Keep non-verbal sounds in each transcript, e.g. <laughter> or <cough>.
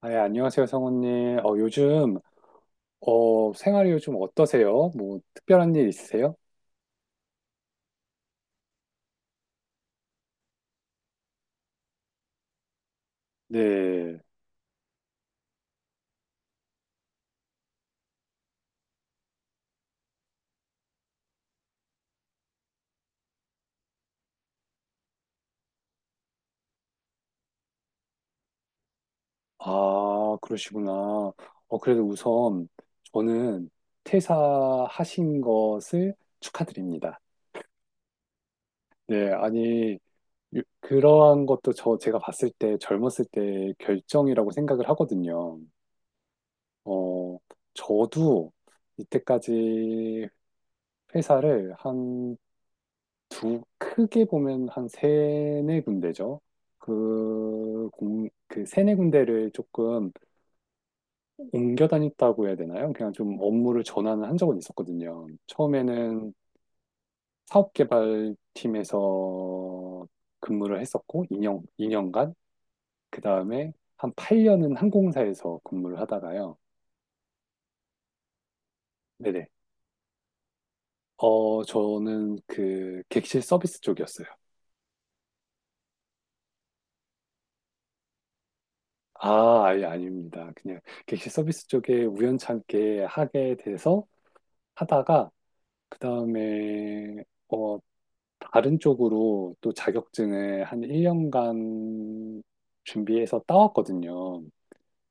아, 예, 안녕하세요, 성우님. 요즘, 생활이 요즘 어떠세요? 뭐, 특별한 일 있으세요? 네. 아, 그러시구나. 그래도 우선, 저는 퇴사하신 것을 축하드립니다. 네, 아니, 그러한 것도, 제가 봤을 때, 젊었을 때 결정이라고 생각을 하거든요. 어, 저도 이때까지 회사를 크게 보면 한 세네 군데죠. 그 세네 군데를 조금 옮겨 다녔다고 해야 되나요? 그냥 좀 업무를 전환을 한 적은 있었거든요. 처음에는 사업개발팀에서 근무를 했었고, 이 년간, 그 다음에 한 8년은 항공사에서 근무를 하다가요. 네네. 저는 그 객실 서비스 쪽이었어요. 아, 아예 아닙니다. 그냥 객실 서비스 쪽에 우연찮게 하게 돼서 하다가, 그다음에 어 다른 쪽으로 또 자격증을 한 1년간 준비해서 따왔거든요.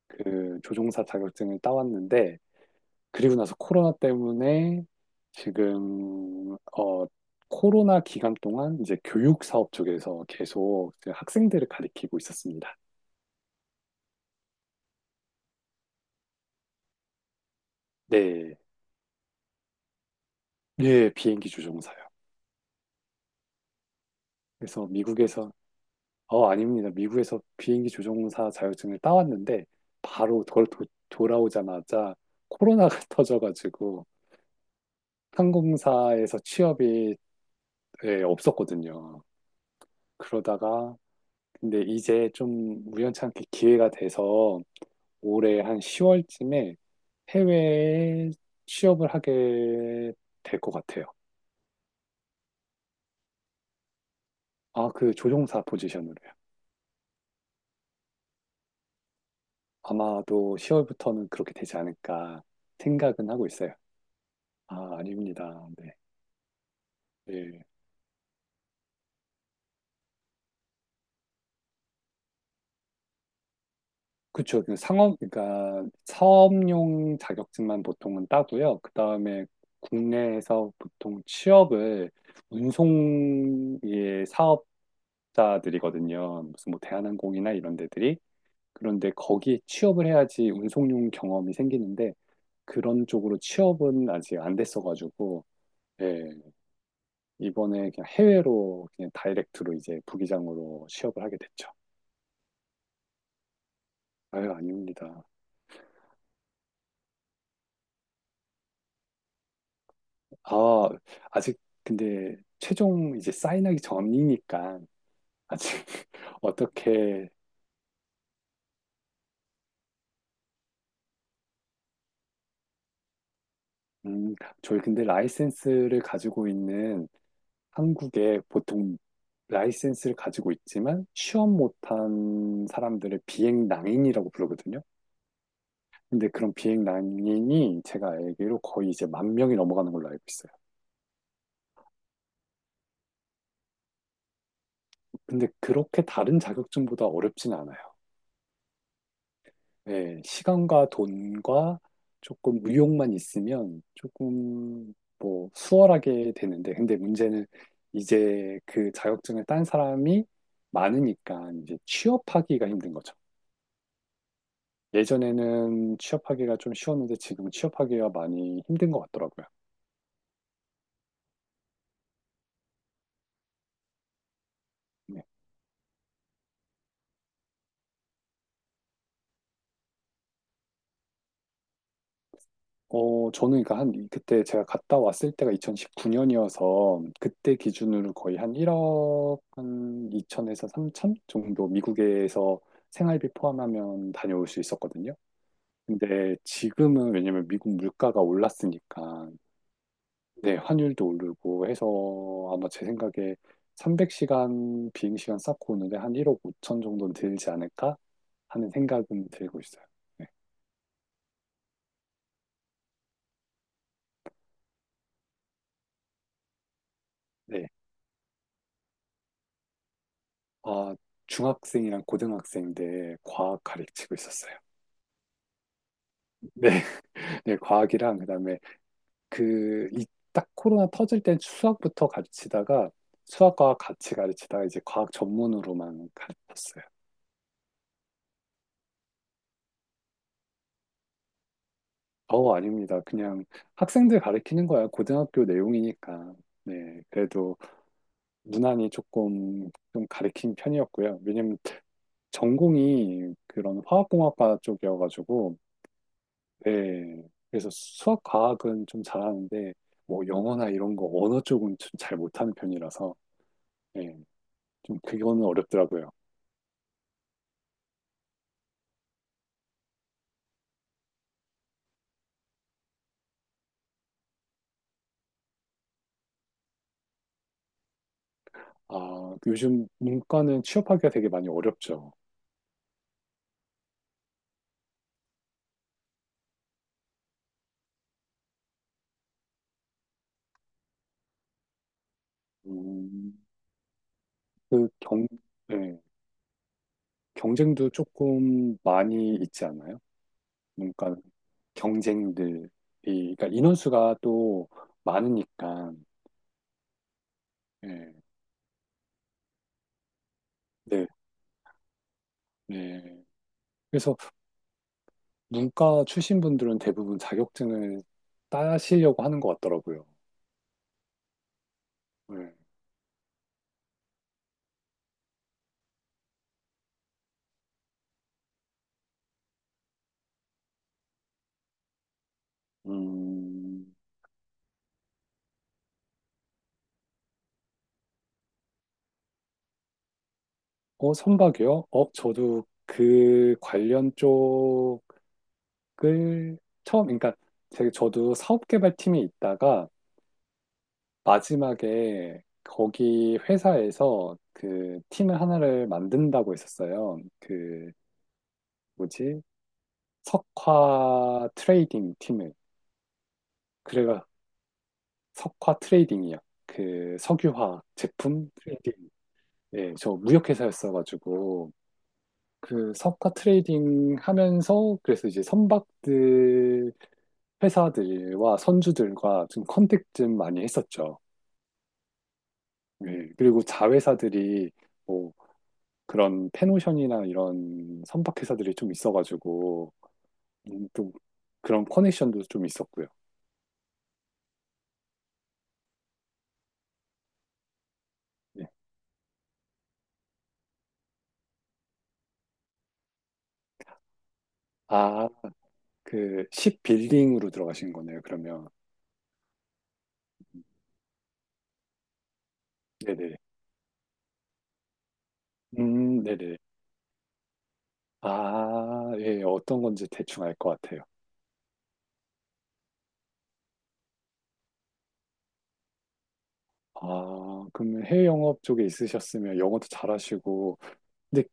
그 조종사 자격증을 따왔는데, 그리고 나서 코로나 때문에 지금, 코로나 기간 동안 이제 교육 사업 쪽에서 계속 이제 학생들을 가리키고 있었습니다. 네. 예, 비행기 조종사요. 그래서 미국에서, 아닙니다. 미국에서 비행기 조종사 자격증을 따왔는데 바로 그걸 돌아오자마자 코로나가 <laughs> 터져가지고 항공사에서 취업이, 예, 없었거든요. 그러다가 근데 이제 좀 우연찮게 기회가 돼서 올해 한 10월쯤에 해외에 취업을 하게 될 것 같아요. 아, 그 조종사 포지션으로요. 아마도 10월부터는 그렇게 되지 않을까 생각은 하고 있어요. 아, 아닙니다. 네. 예. 그쵸. 그 상업, 그러니까 사업용 자격증만 보통은 따고요. 그 다음에 국내에서 보통 취업을, 운송의 사업자들이거든요. 무슨 뭐 대한항공이나 이런 데들이. 그런데 거기에 취업을 해야지 운송용 경험이 생기는데, 그런 쪽으로 취업은 아직 안 됐어가지고, 예. 이번에 그냥 해외로 그냥 다이렉트로 이제 부기장으로 취업을 하게 됐죠. 아유, 아닙니다. 아, 아직 근데 최종 이제 사인하기 전이니까 아직 <laughs> 어떻게. 음, 저희 근데 라이센스를 가지고 있는, 한국에 보통 라이센스를 가지고 있지만 취업 못한 사람들을 비행낭인이라고 부르거든요. 근데 그런 비행낭인이 제가 알기로 거의 이제 1만 명이 넘어가는 걸로 알고 있어요. 근데 그렇게 다른 자격증보다 어렵진 않아요. 네, 시간과 돈과 조금 의욕만 있으면 조금 뭐 수월하게 되는데, 근데 문제는 이제 그 자격증을 딴 사람이 많으니까 이제 취업하기가 힘든 거죠. 예전에는 취업하기가 좀 쉬웠는데 지금은 취업하기가 많이 힘든 것 같더라고요. 저는 그러니까 한, 그때 제가 갔다 왔을 때가 2019년이어서, 그때 기준으로 거의 한 1억 한 2천에서 3천 정도, 미국에서 생활비 포함하면 다녀올 수 있었거든요. 근데 지금은 왜냐면 미국 물가가 올랐으니까, 네, 환율도 오르고 해서 아마 제 생각에 300시간 비행시간 쌓고 오는데 한 1억 5천 정도는 들지 않을까 하는 생각은 들고 있어요. 네. 네. 아, 중학생이랑 고등학생 때 과학 가르치고 있었어요. 네, <laughs> 네, 과학이랑 그다음에 그 이 딱 코로나 터질 땐 수학부터 가르치다가, 수학과 같이 가르치다가 이제 과학 전문으로만 가르쳤어요. 아닙니다. 그냥 학생들 가르치는 거야. 고등학교 내용이니까. 네, 그래도 무난히 조금 좀 가르친 편이었고요. 왜냐면 전공이 그런 화학공학과 쪽이어가지고. 네. 그래서 수학, 과학은 좀 잘하는데, 뭐 영어나 이런 거 언어 쪽은 좀 잘 못하는 편이라서, 네. 좀 그거는 어렵더라고요. 아, 요즘 문과는 취업하기가 되게 많이 어렵죠. 음, 그 경, 네. 경쟁도 조금 많이 있지 않나요? 문과는 경쟁들이, 그러니까 인원수가 또 많으니까, 예, 네. 네. 그래서 문과 출신 분들은 대부분 자격증을 따시려고 하는 것 같더라고요. 네. 음. 선박이요? 저도 그 관련 쪽을 처음, 그러니까 저도 사업개발팀에 있다가 마지막에 거기 회사에서 그 팀을 하나를 만든다고 했었어요. 그 뭐지? 석화 트레이딩 팀을. 그래가 석화 트레이딩이요. 그 석유화 제품. 예, 저 무역회사였어가지고, 그 석가 트레이딩 하면서, 그래서 이제 선박들, 회사들과 선주들과 좀 컨택 좀 많이 했었죠. 예, 그리고 자회사들이 뭐 그런 패노션이나 이런 선박회사들이 좀 있어가지고, 또 그런 커넥션도 좀 있었고요. 예. 아, 그, 십 빌딩으로 들어가신 거네요, 그러면. 네네. 음. 네네. 아, 예, 어떤 건지 대충 알 것 같아요. 아, 그러면 해외 영업 쪽에 있으셨으면 영어도 잘하시고, 근데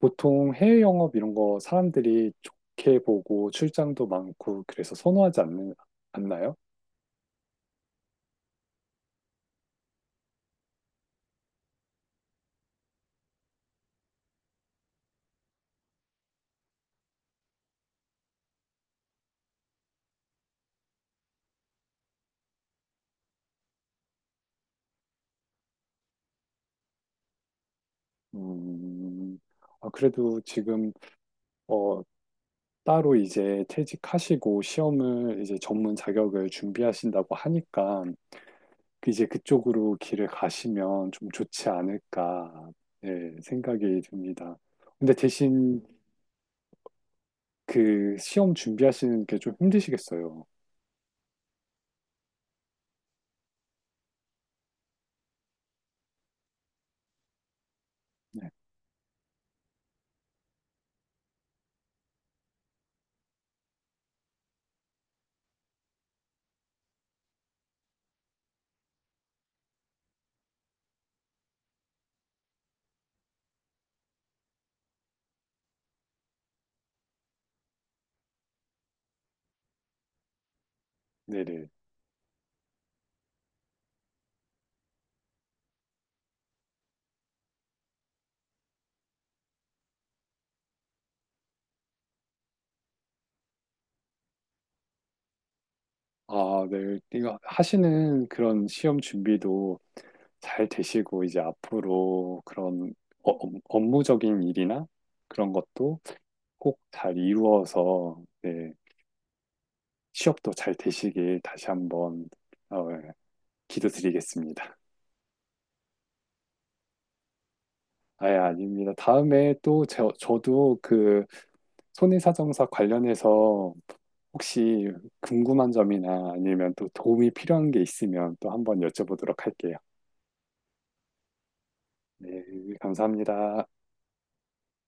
보통 해외 영업 이런 거 사람들이 좋게 보고 출장도 많고 그래서 선호하지 않는, 않나요? 음, 아, 그래도 지금, 어, 따로 이제 퇴직하시고 시험을 이제 전문 자격을 준비하신다고 하니까 그 이제 그쪽으로 길을 가시면 좀 좋지 않을까, 예, 생각이 듭니다. 근데 대신 그 시험 준비하시는 게 좀 힘드시겠어요. 네, 네네. 아, 네. 이거 하시는 그런 시험 준비도 잘 되시고 이제 앞으로 그런 업무적인 일이나 그런 것도 꼭 잘 이루어서, 네, 취업도 잘 되시길 다시 한번, 어, 예, 기도드리겠습니다. 아예 아닙니다. 다음에 또 저도 그 손해사정사 관련해서 혹시 궁금한 점이나 아니면 또 도움이 필요한 게 있으면 또 한번 여쭤보도록 할게요. 네, 감사합니다.